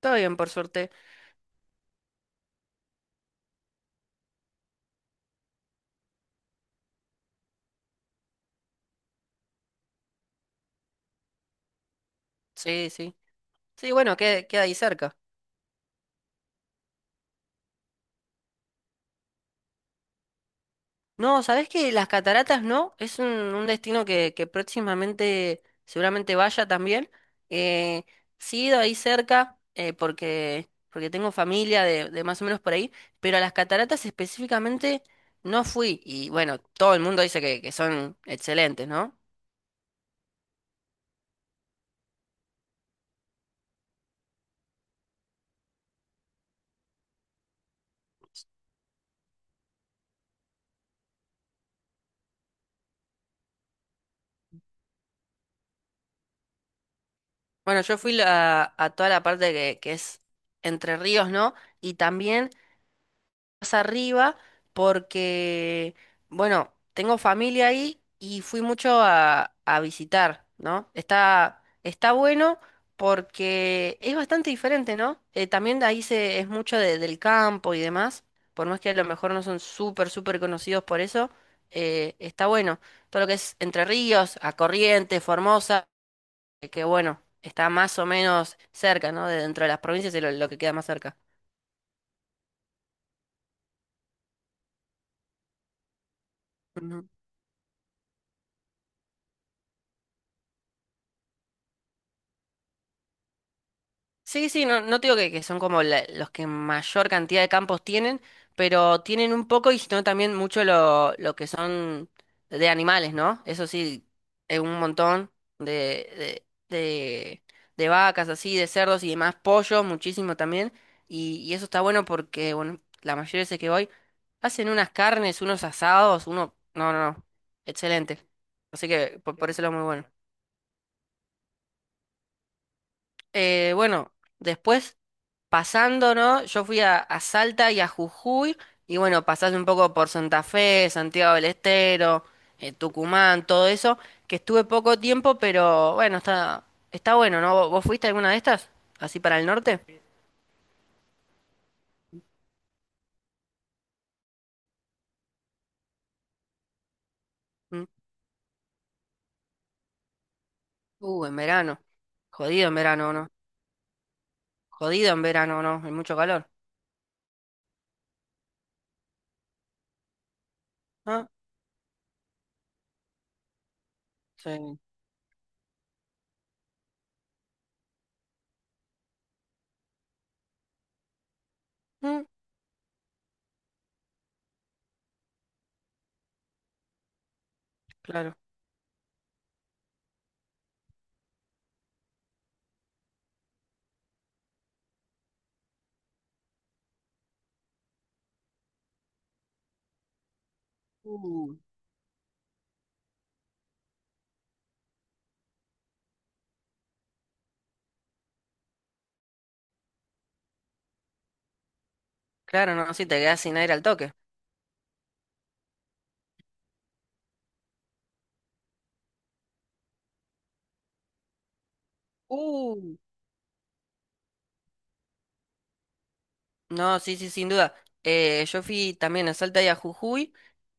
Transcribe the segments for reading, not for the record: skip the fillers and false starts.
Todo bien, por suerte. Sí, sí. Sí, bueno, queda ahí cerca. No, ¿sabés que las cataratas no? Es un destino que próximamente seguramente vaya también. Eh, sí, he ido ahí cerca porque tengo familia de más o menos por ahí, pero a las cataratas específicamente no fui. Y bueno, todo el mundo dice que son excelentes, ¿no? Bueno, yo fui a toda la parte que es Entre Ríos, ¿no? Y también más arriba porque, bueno, tengo familia ahí y fui mucho a visitar, ¿no? Está bueno porque es bastante diferente, ¿no? También ahí es mucho del campo y demás, por más que a lo mejor no son súper, súper conocidos por eso, está bueno. Todo lo que es Entre Ríos, a Corrientes, Formosa, que bueno, está más o menos cerca, ¿no? De dentro de las provincias es lo que queda más cerca. Sí, sí, no, no te digo que son como los que mayor cantidad de campos tienen, pero tienen un poco y sino también mucho lo que son de animales, ¿no? Eso sí, un montón de, de, de, de vacas así, de cerdos y demás, pollos, muchísimo también. Y eso está bueno porque, bueno, la mayoría de veces que voy, hacen unas carnes, unos asados, No, no, no, excelente. Así que por eso lo muy bueno. Bueno, después, pasando, ¿no? Yo fui a Salta y a Jujuy, y bueno, pasás un poco por Santa Fe, Santiago del Estero, Tucumán, todo eso, que estuve poco tiempo, pero bueno, está bueno, ¿no? ¿Vos fuiste a alguna de estas? ¿Así para el norte? Mm. En verano. Jodido en verano, ¿no? Jodido en verano, ¿no? Hay mucho calor. Ah, sí. Mm, claro. Uh, claro, no, si te quedás sin aire al toque. Uh, no, sí, sí, sin duda. Yo fui también a Salta y a Jujuy.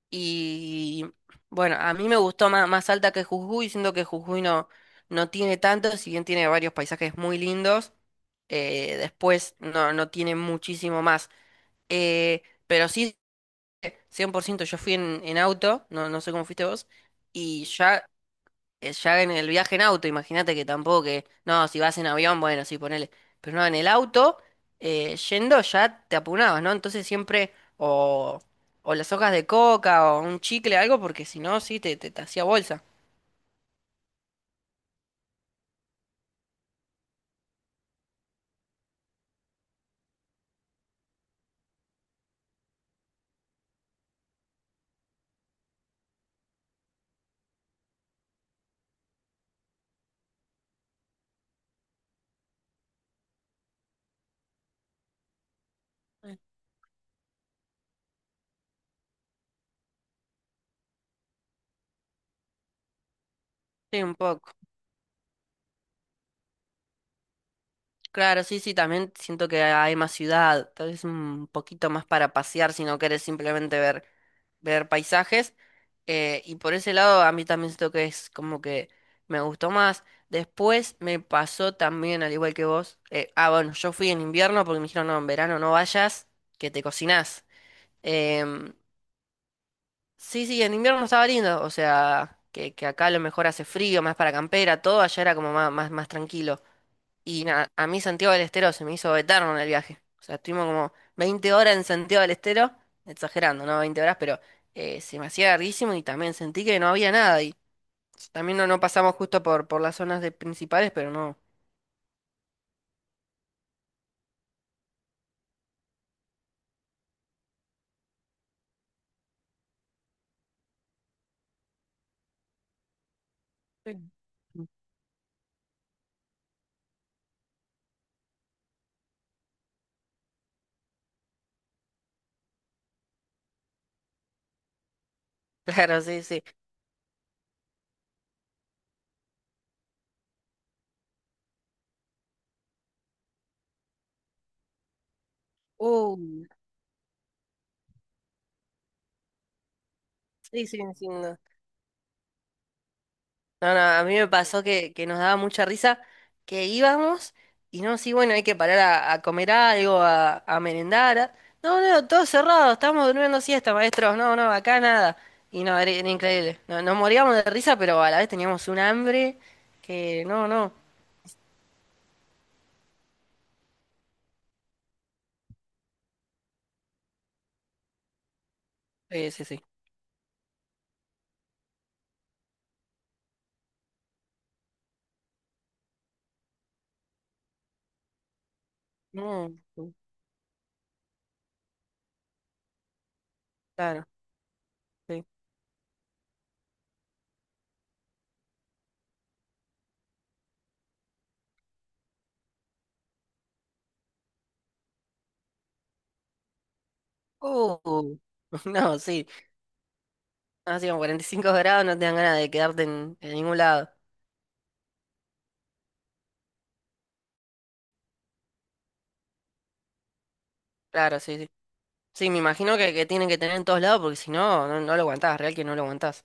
Y bueno, a mí me gustó más, más alta que Jujuy, siendo que Jujuy no, no tiene tanto, si bien tiene varios paisajes muy lindos, después no, no tiene muchísimo más. Pero sí, 100% yo fui en, auto, no, no sé cómo fuiste vos, y ya ya en el viaje en auto, imagínate que tampoco que, no, si vas en avión, bueno, sí, ponele, pero no, en el auto, yendo ya te apunabas, ¿no? Entonces siempre o las hojas de coca o un chicle, algo, porque si no, sí, te hacía bolsa. Sí, un poco. Claro, sí, sí, también siento que hay más ciudad, tal vez un poquito más para pasear si no querés simplemente ver, paisajes. Y por ese lado a mí también siento que es como que me gustó más. Después me pasó también, al igual que vos, bueno, yo fui en invierno porque me dijeron, no, en verano no vayas, que te cocinás. Em, sí, sí, en invierno estaba lindo, o sea, que acá a lo mejor hace frío, más para campera, todo allá era como más, más, más tranquilo. Y nada, a mí Santiago del Estero se me hizo eterno en el viaje. O sea, estuvimos como 20 horas en Santiago del Estero, exagerando, ¿no? 20 horas, pero se me hacía larguísimo y también sentí que no había nada. Y también no, no pasamos justo por las zonas de principales, pero no. Sí. Claro, sí, sí. Uh, sí, sí, sí. No, no, a mí me pasó que nos daba mucha risa que íbamos y no, sí, bueno, hay que parar a comer algo, a merendar. No, no, todo cerrado, estamos durmiendo siesta, maestros, no, no, acá nada. Y no, era increíble. No, nos moríamos de risa, pero a la vez teníamos un hambre que, no, no. Sí, sí, sí. No, sí, claro, sí. Uh, no, sí, no, así como 45 grados no te dan ganas de quedarte en, ningún lado. Claro, sí, sí. Sí, me imagino que tienen que tener en todos lados porque si no, no, no lo aguantás, real que no lo aguantás.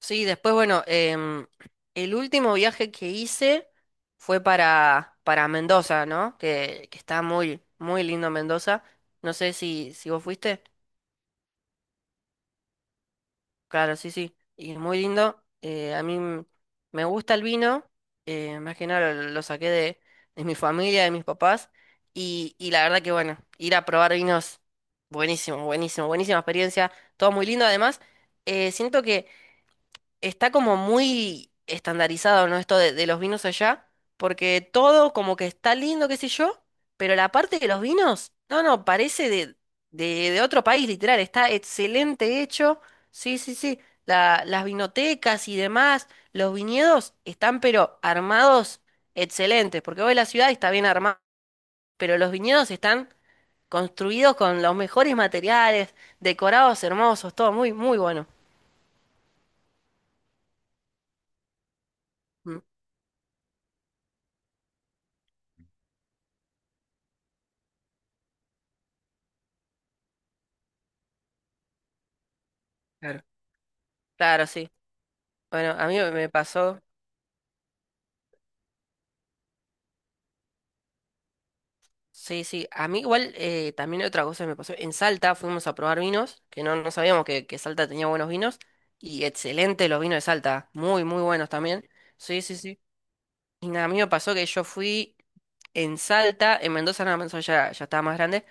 Sí, después, bueno, el último viaje que hice fue para Mendoza, ¿no? Que está muy, muy lindo Mendoza. No sé si vos fuiste. Claro, sí, sí. Y muy lindo. A mí me gusta el vino. Más que nada lo saqué de mi familia, de mis papás. Y la verdad que bueno, ir a probar vinos, buenísimo, buenísimo, buenísima experiencia. Todo muy lindo. Además, siento que está como muy estandarizado, ¿no? Esto de los vinos allá, porque todo como que está lindo, qué sé yo, pero la parte de los vinos, no, no, parece de otro país, literal, está excelente hecho, sí, sí, sí, las vinotecas y demás, los viñedos están pero armados excelentes, porque hoy la ciudad está bien armada, pero los viñedos están construidos con los mejores materiales, decorados hermosos, todo muy, muy bueno. Mm. Claro, claro, sí. Bueno, a mí me pasó, sí, sí, a mí igual también otra cosa que me pasó, en Salta fuimos a probar vinos, que no, no sabíamos que Salta tenía buenos vinos, y excelente los vinos de Salta, muy, muy buenos también, sí, sí, sí, y nada, a mí me pasó que yo fui en Salta, en Mendoza nada más, ya, ya estaba más grande,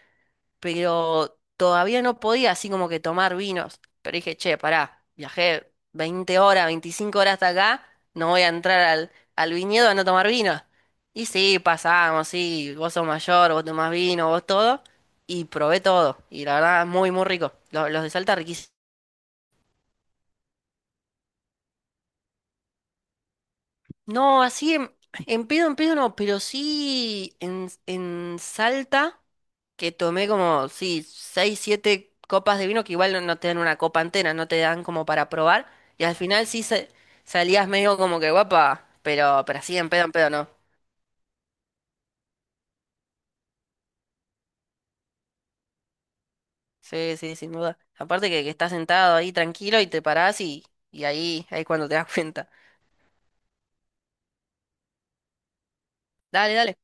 pero todavía no podía así como que tomar vinos. Pero dije, che, pará, viajé 20 horas, 25 horas hasta acá, no voy a entrar al viñedo a no tomar vino. Y sí, pasamos, sí, vos sos mayor, vos tomás vino, vos todo, y probé todo. Y la verdad, muy, muy rico. Los de Salta riquísimos. No, así en pedo, en pedo no, pero sí en, Salta, que tomé como, sí, seis, siete copas de vino, que igual no, no te dan una copa entera, no te dan como para probar, y al final sí salías medio como que guapa, pero, así en pedo no. Sí, sí, sin duda. Aparte que estás sentado ahí tranquilo y te parás y, ahí, ahí es cuando te das cuenta. Dale, dale.